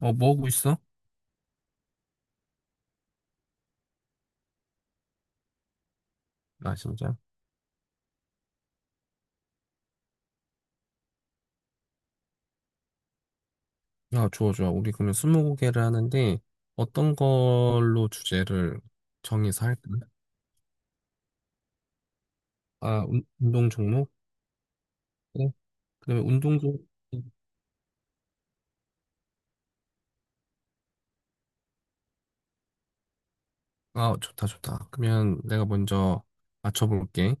어, 뭐 하고 있어? 아, 진짜? 야, 좋아, 좋아. 우리 그러면 스무고개를 하는데 어떤 걸로 주제를 정해서 할까? 아, 운동 종목? 그래. 그러면 운동 종목. 아, 좋다, 좋다. 그러면 내가 먼저 맞춰볼게.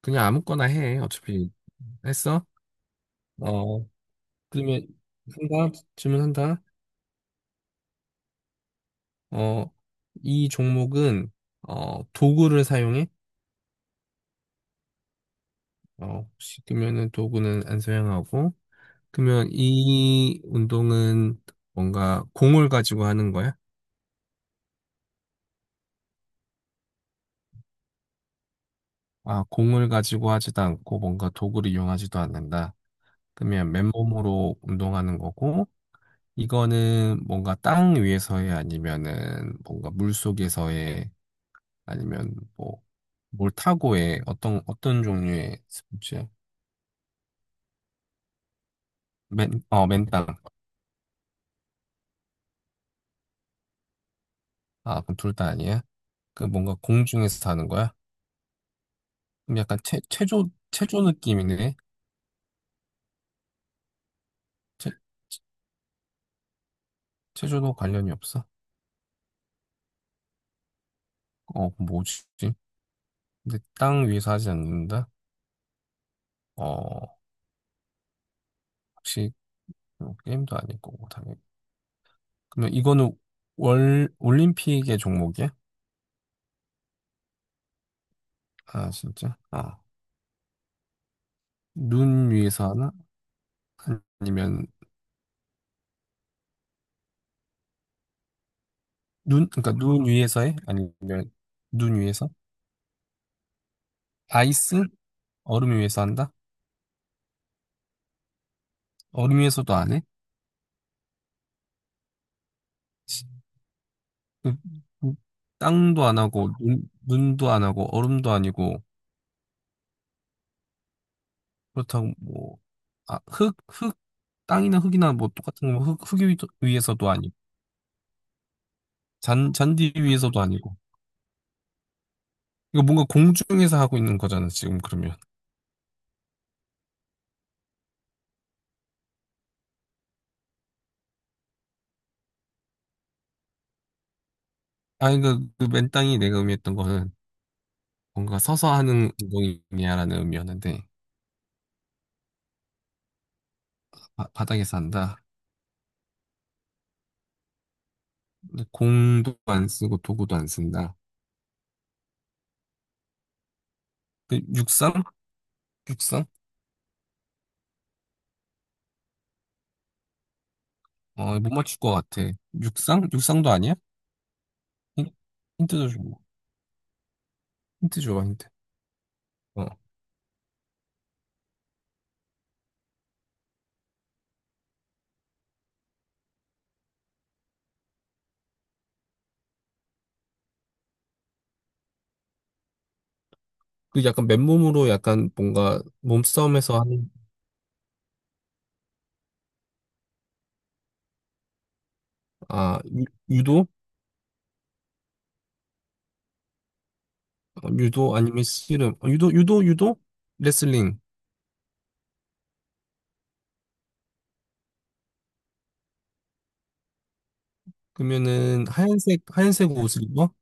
그냥 아무거나 해. 어차피 했어? 어, 그러면 한다? 질문한다? 어, 이 종목은 도구를 사용해? 어, 혹시 그러면은 도구는 안 사용하고 그러면 이 운동은 뭔가 공을 가지고 하는 거야? 아, 공을 가지고 하지도 않고 뭔가 도구를 이용하지도 않는다. 그러면 맨몸으로 운동하는 거고, 이거는 뭔가 땅 위에서의 아니면은 뭔가 물 속에서의 아니면 뭐 뭘 타고의 어떤 종류의 스포츠야? 맨, 어, 맨땅. 아, 그럼 둘 다 아니야? 그 뭔가 공중에서 하는 거야? 그럼 약간 체조 느낌이네. 체, 체조도 관련이 없어? 어, 그럼 뭐지? 근데 땅 위에서 하지 않는다? 어, 혹시 뭐 게임도 아닐 거고, 당연히. 그러면 이거는 올림픽의 종목이야? 아, 진짜? 아, 눈 위에서 하나? 아니면, 눈, 그러니까 눈 위에서 해? 아니면, 눈 위에서? 아이스? 얼음 위에서 한다? 얼음 위에서도 안 해? 그- 그 땅도 안 하고, 눈도 안 하고, 얼음도 아니고, 그렇다고 뭐, 아, 흙, 땅이나 흙이나 뭐 똑같은 거, 흙 위에서도 아니고, 잔디 위에서도 아니고. 이거 뭔가 공중에서 하고 있는 거잖아, 지금 그러면. 아니, 그 맨땅이 내가 의미했던 거는 뭔가 서서 하는 운동이냐라는 의미였는데, 바닥에서 한다. 근데 공도 안 쓰고 도구도 안 쓴다. 그 육상? 육상? 어, 못 맞출 것 같아. 육상? 육상도 아니야? 힌- 힌트 도 줘, 힌트 줘봐, 힌트. 어. 그 약간 맨몸으로 약간 뭔가 몸싸움에서 하는 아 유, 유도 어, 유도 아니면 씨름 어, 유도 유도 레슬링 그러면은 하얀색 옷을 입어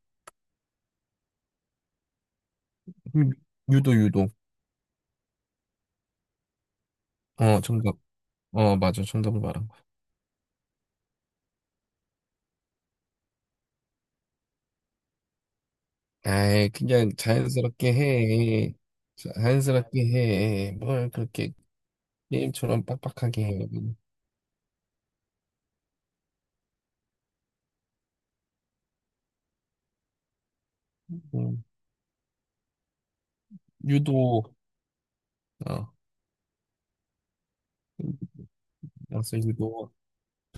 유- 유도 어 정답 어 맞아 정답을 말한 거야. 아이 그냥 자연스럽게 해. 자연스럽게 해 뭘 그렇게 게임처럼 빡빡하게 해. 음, 유도 어 음, 알았어 유도.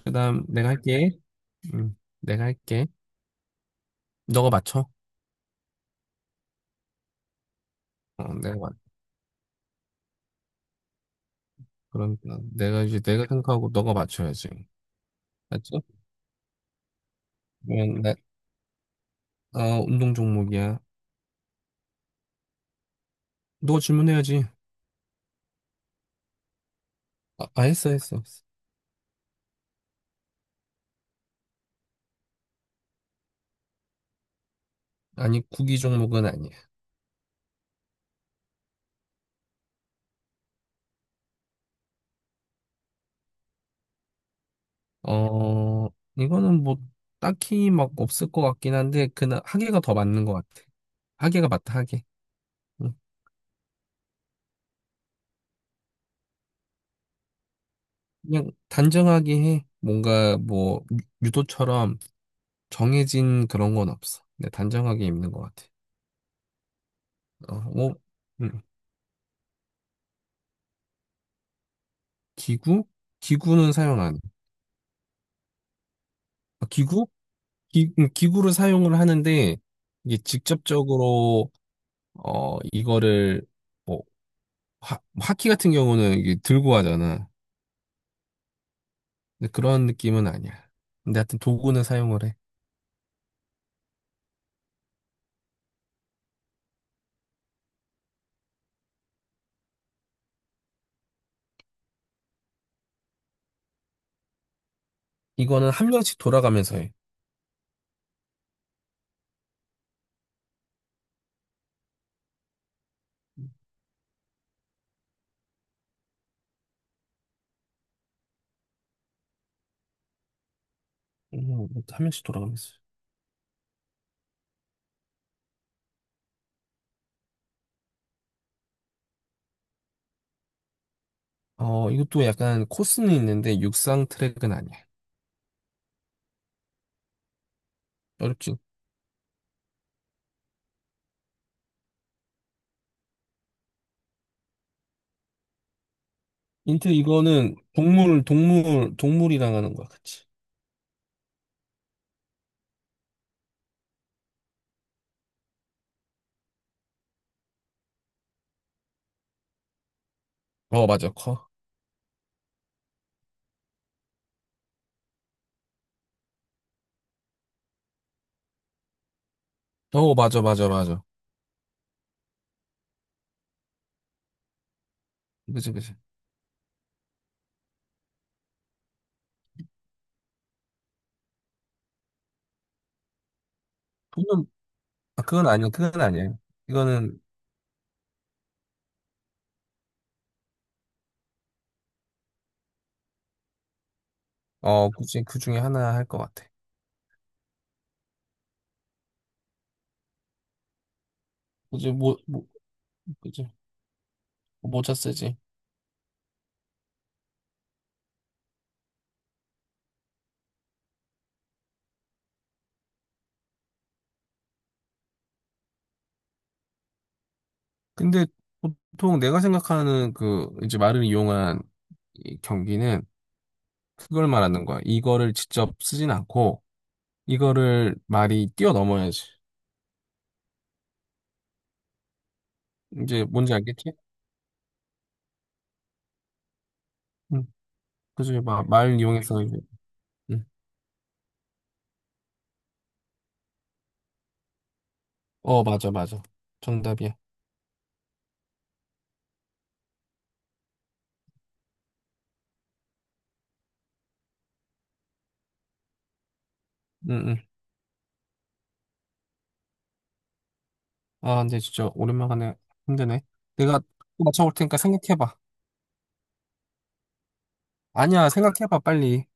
그다음 내가 할게. 내가 할게. 너가 맞춰. 어, 그럼 어, 내가 이제 내가 생각하고 너가 맞춰야지. 알았지? 그러면 나, 아, 운동 종목이야. 너 질문해야지. 아, 아, 했어, 했어, 했어. 아니, 구기 종목은 아니야. 어, 이거는 뭐 딱히 막 없을 것 같긴 한데 그 하계가 더 맞는 것 같아. 하계가 맞다, 하계. 응. 그냥 단정하게 해. 뭔가 뭐 유도처럼 정해진 그런 건 없어. 근데 단정하게 입는 것 같아. 어, 뭐 응. 기구? 기구는 사용 안 해. 아, 기구? 기구를 사용을 하는데 이게 직접적으로 어 이거를 뭐 하키 같은 경우는 이게 들고 하잖아. 근데 그런 느낌은 아니야. 근데 하여튼 도구는 사용을 해. 이거는 한 명씩 돌아가면서 해. 이것도 한 명씩 돌아가면서. 어 이것도 약간 코스는 있는데 육상 트랙은 아니야. 어렵지. 인트 이거는 동물 동물이랑 하는 거야, 그치? 어 맞아 커. 어 맞아 맞아. 그치. 그건 아, 그건 아니야. 그건 아니야. 이거는 어, 그치. 그 중에 하나 할 것 같아. 그제 뭐.. 뭐 그지 모자 쓰지. 근데 보통 내가 생각하는 그 이제 말을 이용한 이 경기는 그걸 말하는 거야. 이거를 직접 쓰진 않고 이거를 말이 뛰어넘어야지. 이제 뭔지 알겠지? 응. 그래서 막 말 이용해서 이제 응. 어, 맞아, 맞아. 정답이야. 응, 응. 아, 근데 진짜 오랜만에 힘드네. 내가 맞춰볼 테니까 생각해봐. 아니야, 생각해봐 빨리.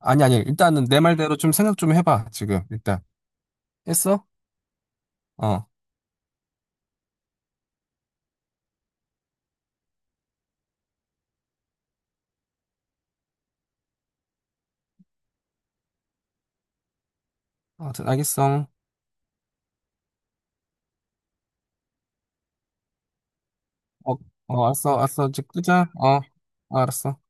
아니, 아니, 일단은 내 말대로 좀 생각 좀 해봐, 지금, 일단. 했어? 어. 어, 알겠어. 어, 어, 알았어, 알았어. 이제 끄자. 어, 알았어.